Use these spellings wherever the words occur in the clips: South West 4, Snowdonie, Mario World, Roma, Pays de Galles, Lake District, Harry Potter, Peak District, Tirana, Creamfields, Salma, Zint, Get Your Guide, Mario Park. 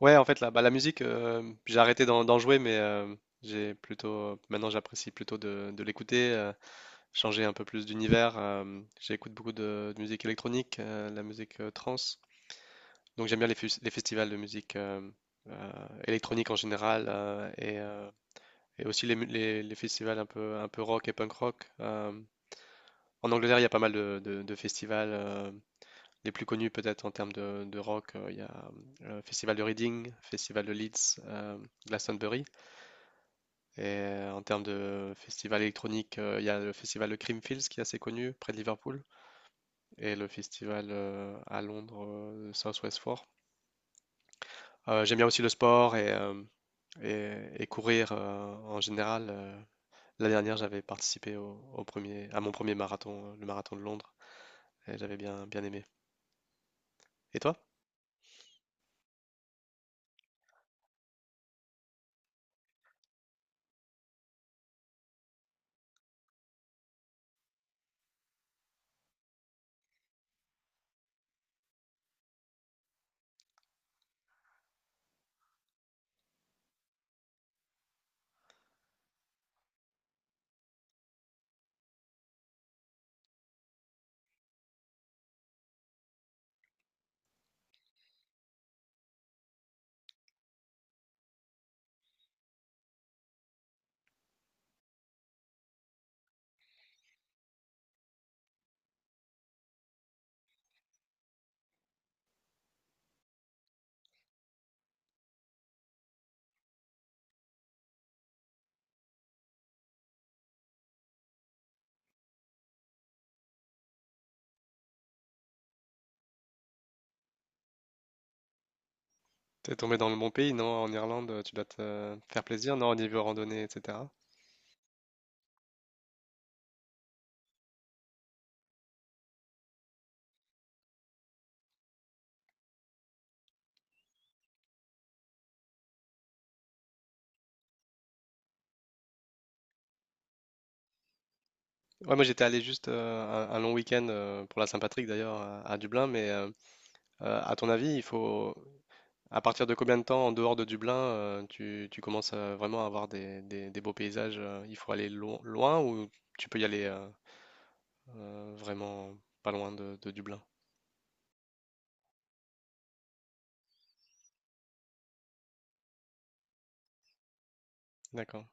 Ouais, en fait, bah, la musique, j'ai arrêté d'en jouer, mais j'ai plutôt, maintenant, j'apprécie plutôt de l'écouter, changer un peu plus d'univers. J'écoute beaucoup de musique électronique, la musique trance. Donc, j'aime bien les festivals de musique euh, électronique en général et aussi les festivals un peu rock et punk rock. En Angleterre, il y a pas mal de festivals. Les plus connus peut-être en termes de rock, il y a le Festival de Reading, Festival de Leeds, Glastonbury. En termes de festival électronique, il y a le Festival de Creamfields qui est assez connu près de Liverpool et le festival à Londres, South West 4. J'aime bien aussi le sport et courir en général. La dernière, j'avais participé à mon premier marathon, le marathon de Londres, et j'avais bien aimé. Et toi? T'es tombé dans le bon pays, non? En Irlande, tu dois te faire plaisir, non? Au niveau randonnée, etc. Ouais, moi j'étais allé juste un long week-end pour la Saint-Patrick d'ailleurs à Dublin, mais à ton avis, il faut à partir de combien de temps en dehors de Dublin tu commences vraiment à avoir des beaux paysages? Il faut aller loin ou tu peux y aller vraiment pas loin de Dublin? D'accord.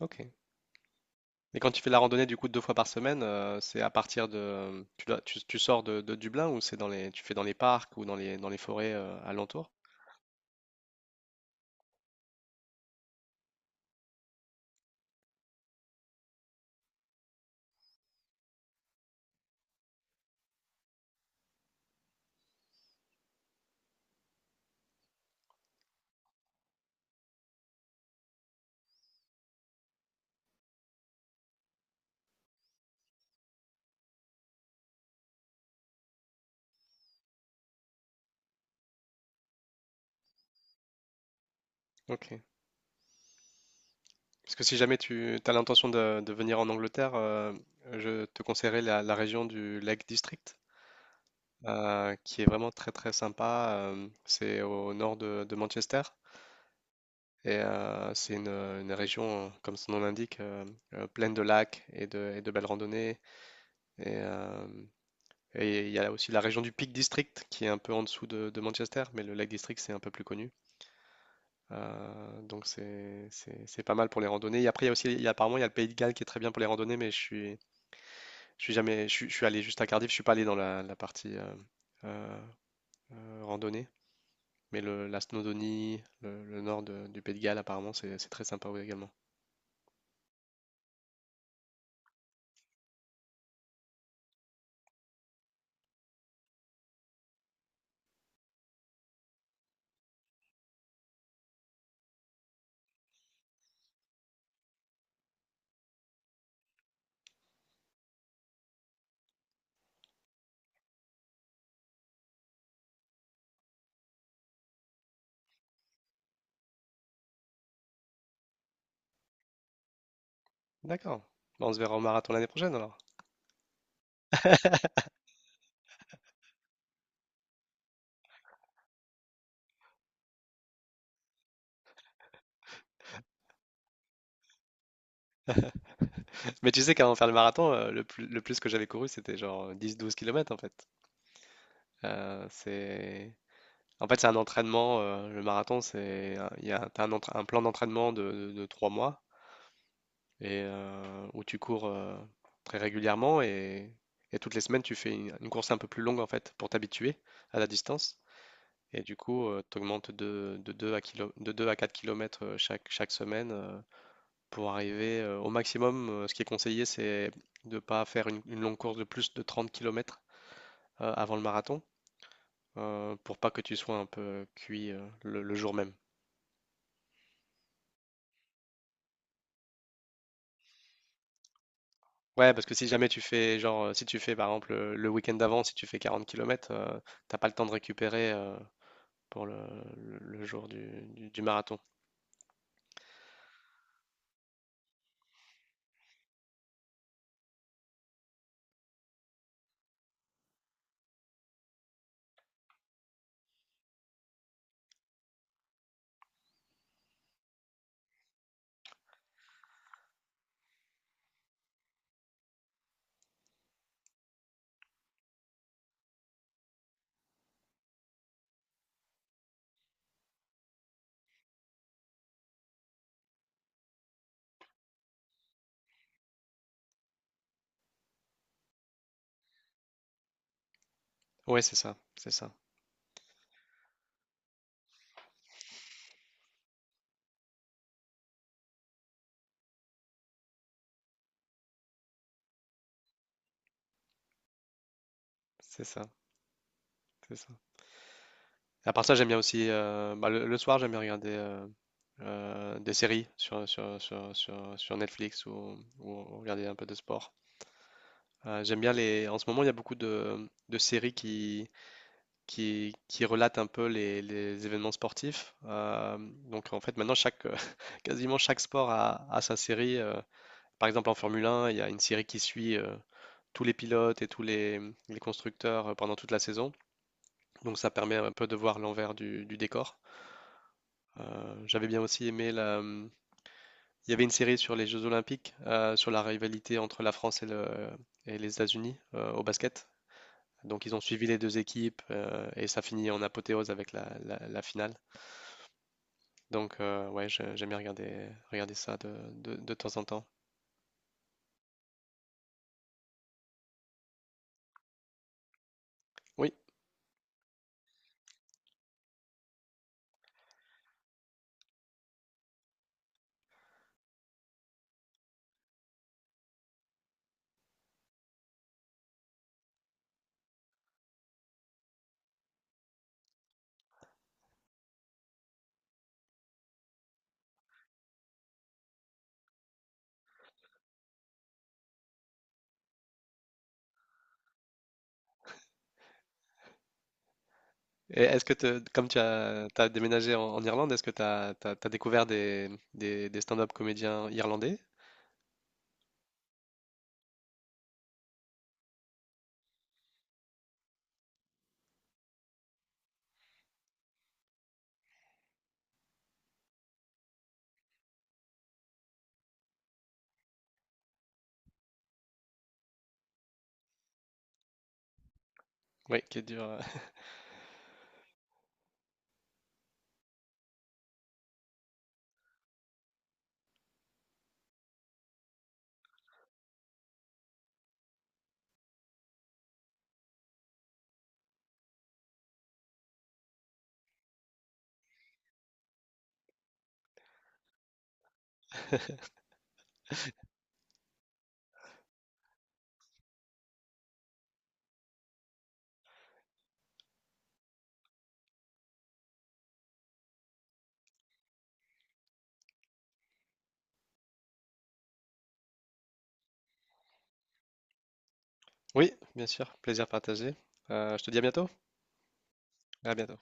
Ok. Mais quand tu fais la randonnée du coup 2 fois par semaine, c'est à partir de tu sors de Dublin ou c'est dans les tu fais dans les parcs ou dans les forêts alentours? Ok. Parce que si jamais tu as l'intention de venir en Angleterre, je te conseillerais la région du Lake District, qui est vraiment très très sympa. C'est au nord de Manchester et c'est une région, comme son nom l'indique, pleine de lacs et de belles randonnées. Et, euh, Et il y a aussi la région du Peak District qui est un peu en dessous de Manchester, mais le Lake District c'est un peu plus connu. Donc c'est pas mal pour les randonnées. Et après il y a aussi apparemment il y a le Pays de Galles qui est très bien pour les randonnées, mais je suis jamais je, suis je suis allé juste à Cardiff, je suis pas allé dans la partie euh, randonnée. Mais la Snowdonie, le nord du Pays de Galles apparemment c'est très sympa ouais, également. D'accord. Bah, on se verra au marathon l'année prochaine alors. Mais tu sais qu'avant de faire le marathon, le plus que j'avais couru, c'était genre 10-12 km en fait. C'est En fait, c'est un entraînement. Le marathon, c'est un- il y a t'as un plan d'entraînement de 3 mois et où tu cours très régulièrement et toutes les semaines, tu fais une course un peu plus longue en fait pour t'habituer à la distance. Et du coup, tu augmentes de 2 à de 2 à 4 km chaque semaine pour arriver au maximum. Ce qui est conseillé, c'est de ne pas faire une longue course de plus de 30 kilomètres avant le marathon pour pas que tu sois un peu cuit le jour même. Ouais, parce que si jamais tu fais, genre, si tu fais par exemple le week-end d'avant, si tu fais 40 km, t'as pas le temps de récupérer pour le jour du marathon. Ouais, c'est ça, c'est ça, c'est ça, c'est ça. À part ça, j'aime bien aussi, bah, le soir, j'aime bien regarder des séries sur Netflix ou regarder un peu de sport. J'aime bien les. En ce moment, il y a beaucoup de séries qui relate un peu les événements sportifs. Donc en fait, maintenant, quasiment chaque sport a sa série. Par exemple, en Formule 1, il y a une série qui suit tous les pilotes et tous les constructeurs pendant toute la saison. Donc ça permet un peu de voir l'envers du décor. J'avais bien aussi aimé il y avait une série sur les Jeux Olympiques, sur la rivalité entre la France et les États-Unis au basket. Donc ils ont suivi les deux équipes et ça finit en apothéose avec la finale. Donc, ouais, j'aime bien regarder ça de temps en temps. Oui. Et comme t'as déménagé en Irlande, est-ce que découvert des stand-up comédiens irlandais? Oui, qui est dur. Oui, bien sûr. Plaisir partagé. Je te dis à bientôt. À bientôt.